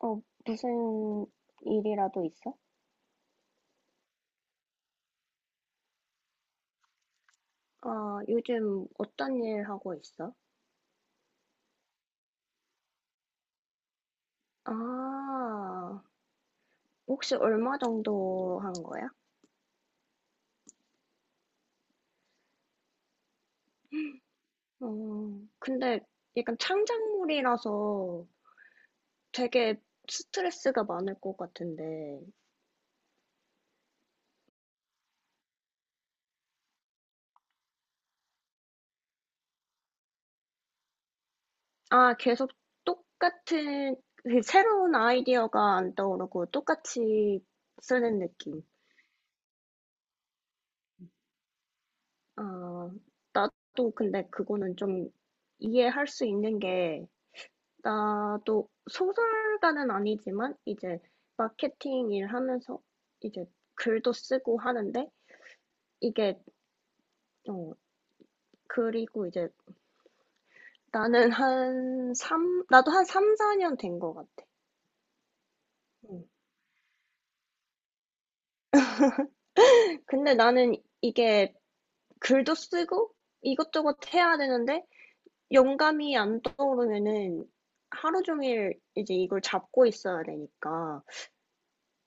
어, 무슨 일이라도 있어? 아, 요즘 어떤 일 하고 있어? 아, 혹시 얼마 정도 한 거야? 어, 근데 약간 창작물이라서 되게 스트레스가 많을 것 같은데. 아, 계속 똑같은, 그 새로운 아이디어가 안 떠오르고 똑같이 쓰는 느낌. 아, 나도 근데 그거는 좀 이해할 수 있는 게, 나도 소설가는 아니지만 이제 마케팅 일 하면서 이제 글도 쓰고 하는데, 이게 어 그리고 이제 나는 한 3, 나도 한삼 4년 된 것 같아. 음. 근데 나는 이게 글도 쓰고 이것저것 해야 되는데 영감이 안 떠오르면은 하루 종일 이제 이걸 잡고 있어야 되니까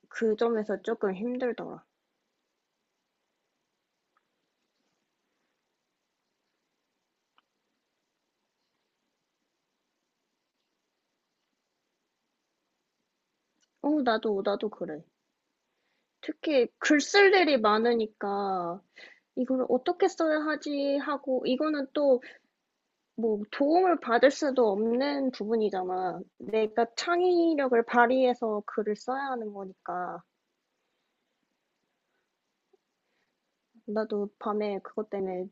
그 점에서 조금 힘들더라. 어, 나도, 나도 그래. 특히 글 쓸 일이 많으니까 이거를 어떻게 써야 하지 하고, 이거는 또 뭐 도움을 받을 수도 없는 부분이잖아. 내가 창의력을 발휘해서 글을 써야 하는 거니까. 나도 밤에 그것 때문에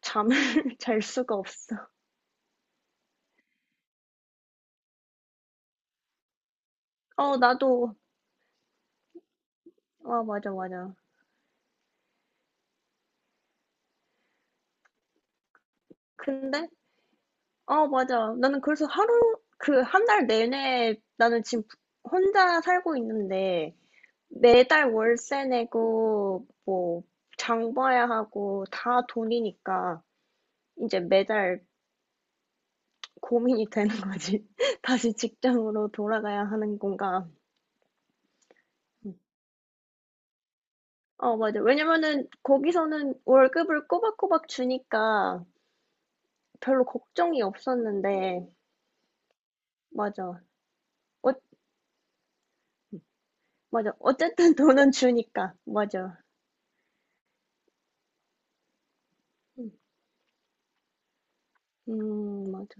잠을 잘 수가 없어. 어, 나도. 아, 맞아, 맞아. 근데, 어, 맞아. 나는 그래서 그 한 달 내내 나는 지금 혼자 살고 있는데 매달 월세 내고 뭐 장 봐야 하고 다 돈이니까 이제 매달 고민이 되는 거지. 다시 직장으로 돌아가야 하는 건가? 어, 맞아. 왜냐면은 거기서는 월급을 꼬박꼬박 주니까 별로 걱정이 없었는데, 맞아. 어, 맞아. 어쨌든 돈은 주니까. 맞아. 음, 맞아.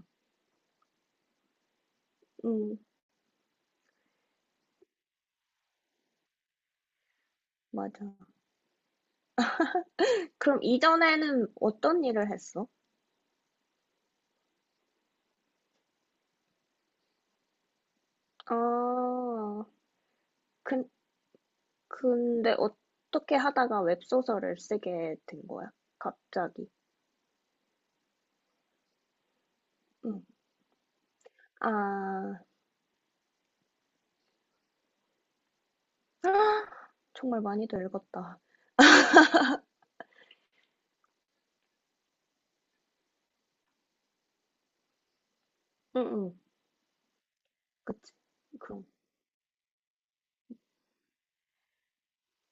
음, 맞아. 그럼 이전에는 어떤 일을 했어? 아, 그, 근데 어떻게 하다가 웹소설을 쓰게 된 거야? 갑자기. 응. 아, 정말 많이도 읽었다. 응, 응. 그치. 그럼.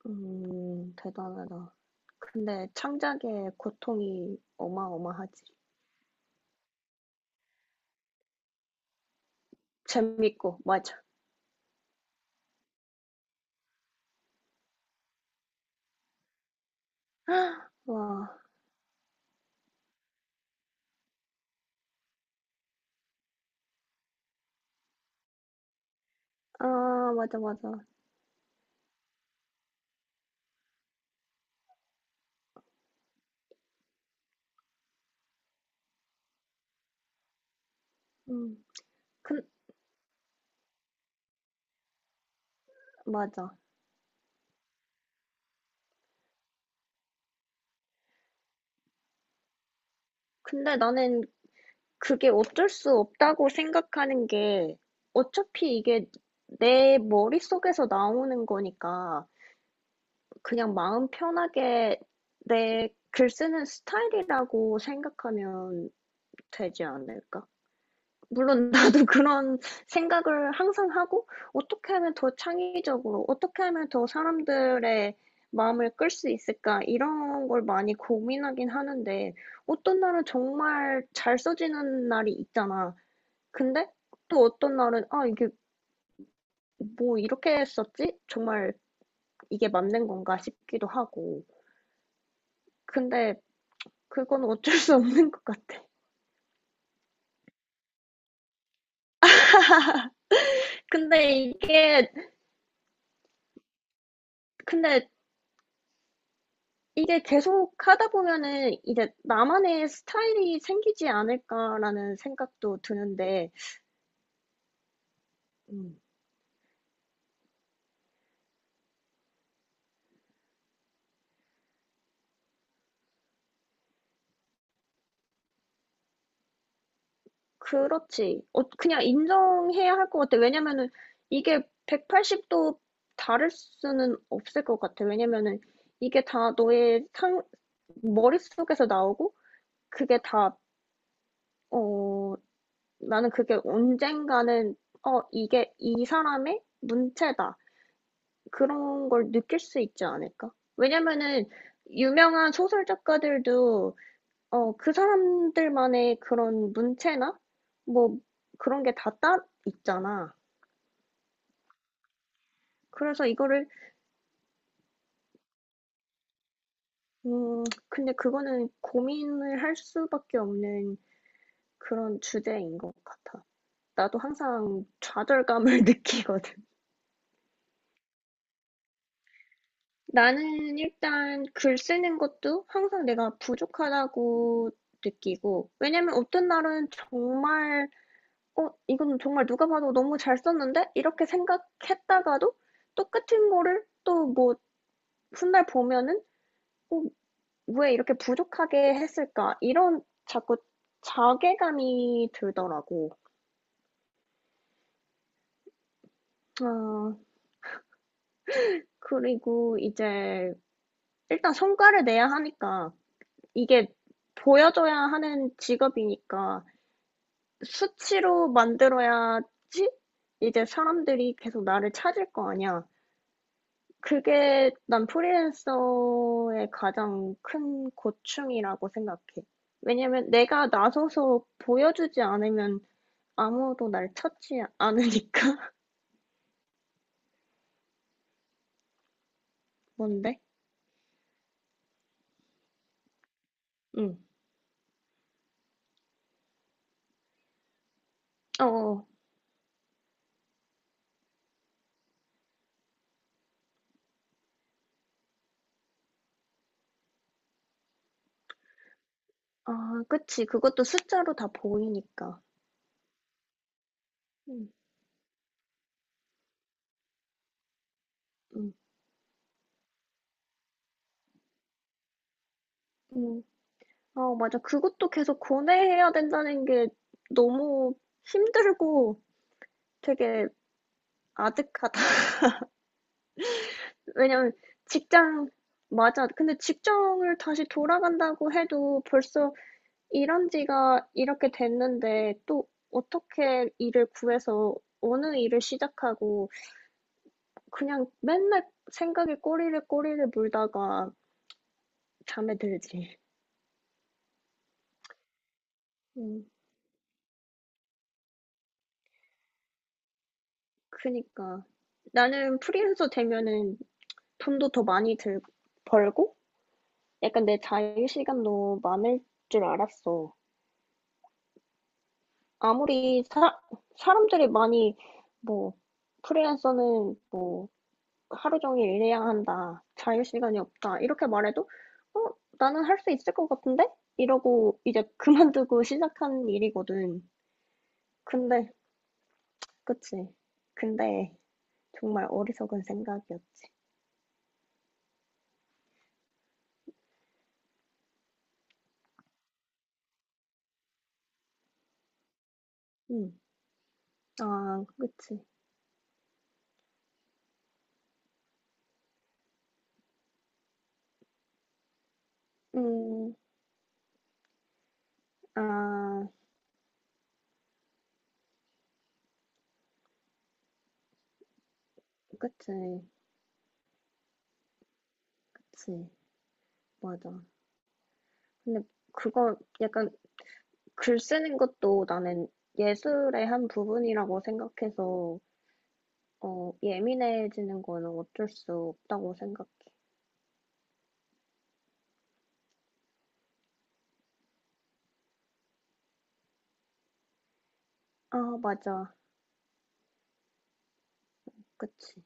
대단하다. 근데 창작의 고통이 어마어마하지. 재밌고, 맞아. 와, 아, 맞아, 맞아. 음, 근, 맞아. 근데 나는 그게 어쩔 수 없다고 생각하는 게, 어차피 이게 내 머릿속에서 나오는 거니까 그냥 마음 편하게 내 글 쓰는 스타일이라고 생각하면 되지 않을까? 물론 나도 그런 생각을 항상 하고, 어떻게 하면 더 창의적으로, 어떻게 하면 더 사람들의 마음을 끌 수 있을까? 이런 걸 많이 고민하긴 하는데, 어떤 날은 정말 잘 써지는 날이 있잖아. 근데 또 어떤 날은, 아, 이게 뭐 이렇게 썼지? 정말 이게 맞는 건가 싶기도 하고. 근데 그건 어쩔 수 없는 것 같아. 근데 이게, 근데 이게 계속 하다 보면은 이제 나만의 스타일이 생기지 않을까라는 생각도 드는데, 음, 그렇지. 어, 그냥 인정해야 할 것 같아. 왜냐면은 이게 180도 다를 수는 없을 것 같아. 왜냐면은 이게 다 머릿속에서 나오고, 그게 다, 어, 나는 그게 언젠가는, 어, 이게 이 사람의 문체다. 그런 걸 느낄 수 있지 않을까? 왜냐면은 유명한 소설 작가들도 어, 그 사람들만의 그런 문체나 뭐 그런 게 다 따 있잖아. 그래서 이거를 음, 근데 그거는 고민을 할 수밖에 없는 그런 주제인 것 같아. 나도 항상 좌절감을 느끼거든. 나는 일단 글 쓰는 것도 항상 내가 부족하다고 느끼고, 왜냐면 어떤 날은 정말 어, 이건 정말 누가 봐도 너무 잘 썼는데? 이렇게 생각했다가도 똑같은 거를 또 뭐 훗날 보면은 어, 왜 이렇게 부족하게 했을까? 이런 자꾸 자괴감이 들더라고. 아, 그리고 이제 일단 성과를 내야 하니까 이게 보여줘야 하는 직업이니까 수치로 만들어야지 이제 사람들이 계속 나를 찾을 거 아니야. 그게 난 프리랜서의 가장 큰 고충이라고 생각해. 왜냐면 내가 나서서 보여주지 않으면 아무도 날 찾지 않으니까. 뭔데? 응. 어, 어. 아, 그치. 그것도 숫자로 다 보이니까. 응, 응, 응. 아, 맞아. 그것도 계속 고뇌해야 된다는 게 너무 힘들고 되게 아득하다. 왜냐면 직장 맞아. 근데 직장을 다시 돌아간다고 해도 벌써 일한 지가 이렇게 됐는데 또 어떻게 일을 구해서 어느 일을 시작하고, 그냥 맨날 생각에 꼬리를 꼬리를 물다가 잠에 들지. 음, 그니까 나는 프리랜서 되면은 돈도 더 많이 들, 벌고 약간 내 자유 시간도 많을 줄 알았어. 아무리 사람들이 많이 뭐 프리랜서는 뭐 하루 종일 일해야 한다, 자유 시간이 없다 이렇게 말해도 어 나는 할 수 있을 것 같은데 이러고 이제 그만두고 시작한 일이거든. 근데 그치. 근데 정말 어리석은 생각이었지. 음, 아 그치. 음, 아 그치, 그치 맞아. 근데 그거 약간 글 쓰는 것도 나는 예술의 한 부분이라고 생각해서 어, 예민해지는 거는 어쩔 수 없다고 생각해. 아, 맞아. 그치.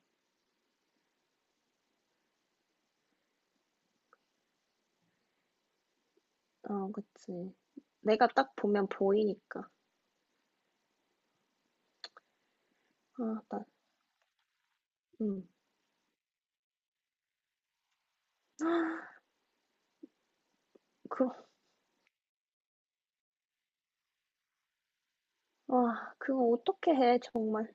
아, 그치. 내가 딱 보면 보이니까. 아, 나, 음. 그, 와 그거 어떻게 해, 정말.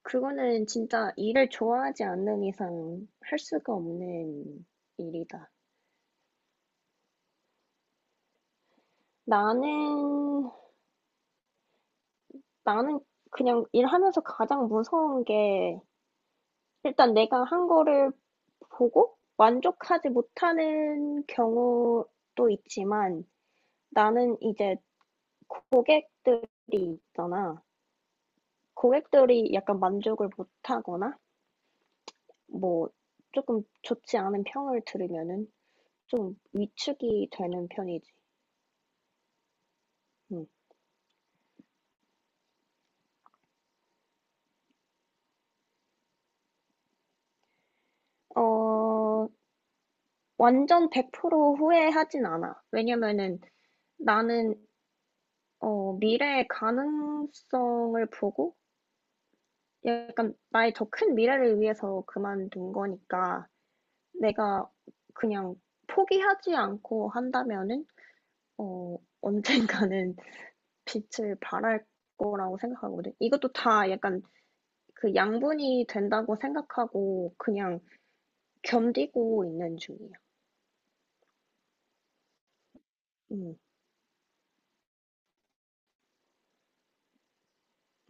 그거는 진짜 일을 좋아하지 않는 이상 할 수가 없는 일이다. 나는, 나는 그냥 일하면서 가장 무서운 게, 일단 내가 한 거를 보고 만족하지 못하는 경우도 있지만 나는 이제 고객들이 있잖아. 고객들이 약간 만족을 못하거나 뭐 조금 좋지 않은 평을 들으면은 좀 위축이 되는 편이지. 응. 어, 완전 100% 후회하진 않아. 왜냐면은 나는 어, 미래의 가능성을 보고 약간 나의 더 큰 미래를 위해서 그만둔 거니까 내가 그냥 포기하지 않고 한다면은 어, 언젠가는 빛을 발할 거라고 생각하거든. 이것도 다 약간 그 양분이 된다고 생각하고 그냥 견디고 있는 중이야. 응,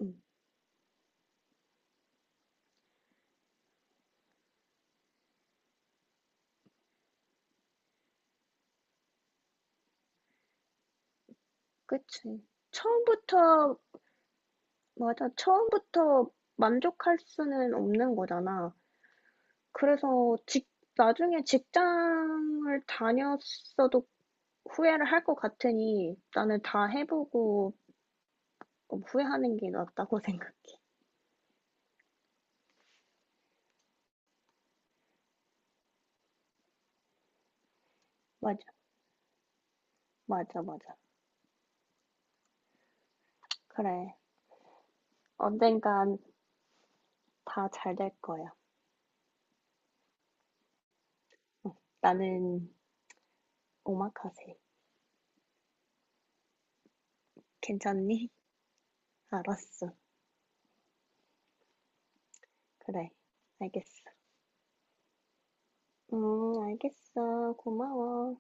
응, 그치. 처음부터, 맞아. 처음부터 만족할 수는 없는 거잖아. 그래서 나중에 직장을 다녔어도 후회를 할 것 같으니 나는 다 해보고 조금 후회하는 게 낫다고 생각해. 맞아, 맞아, 맞아. 그래. 언젠간 다 잘 될 거야. 나는 오마카세. 괜찮니? 알았어. 그래. 알겠어. 알겠어. 고마워.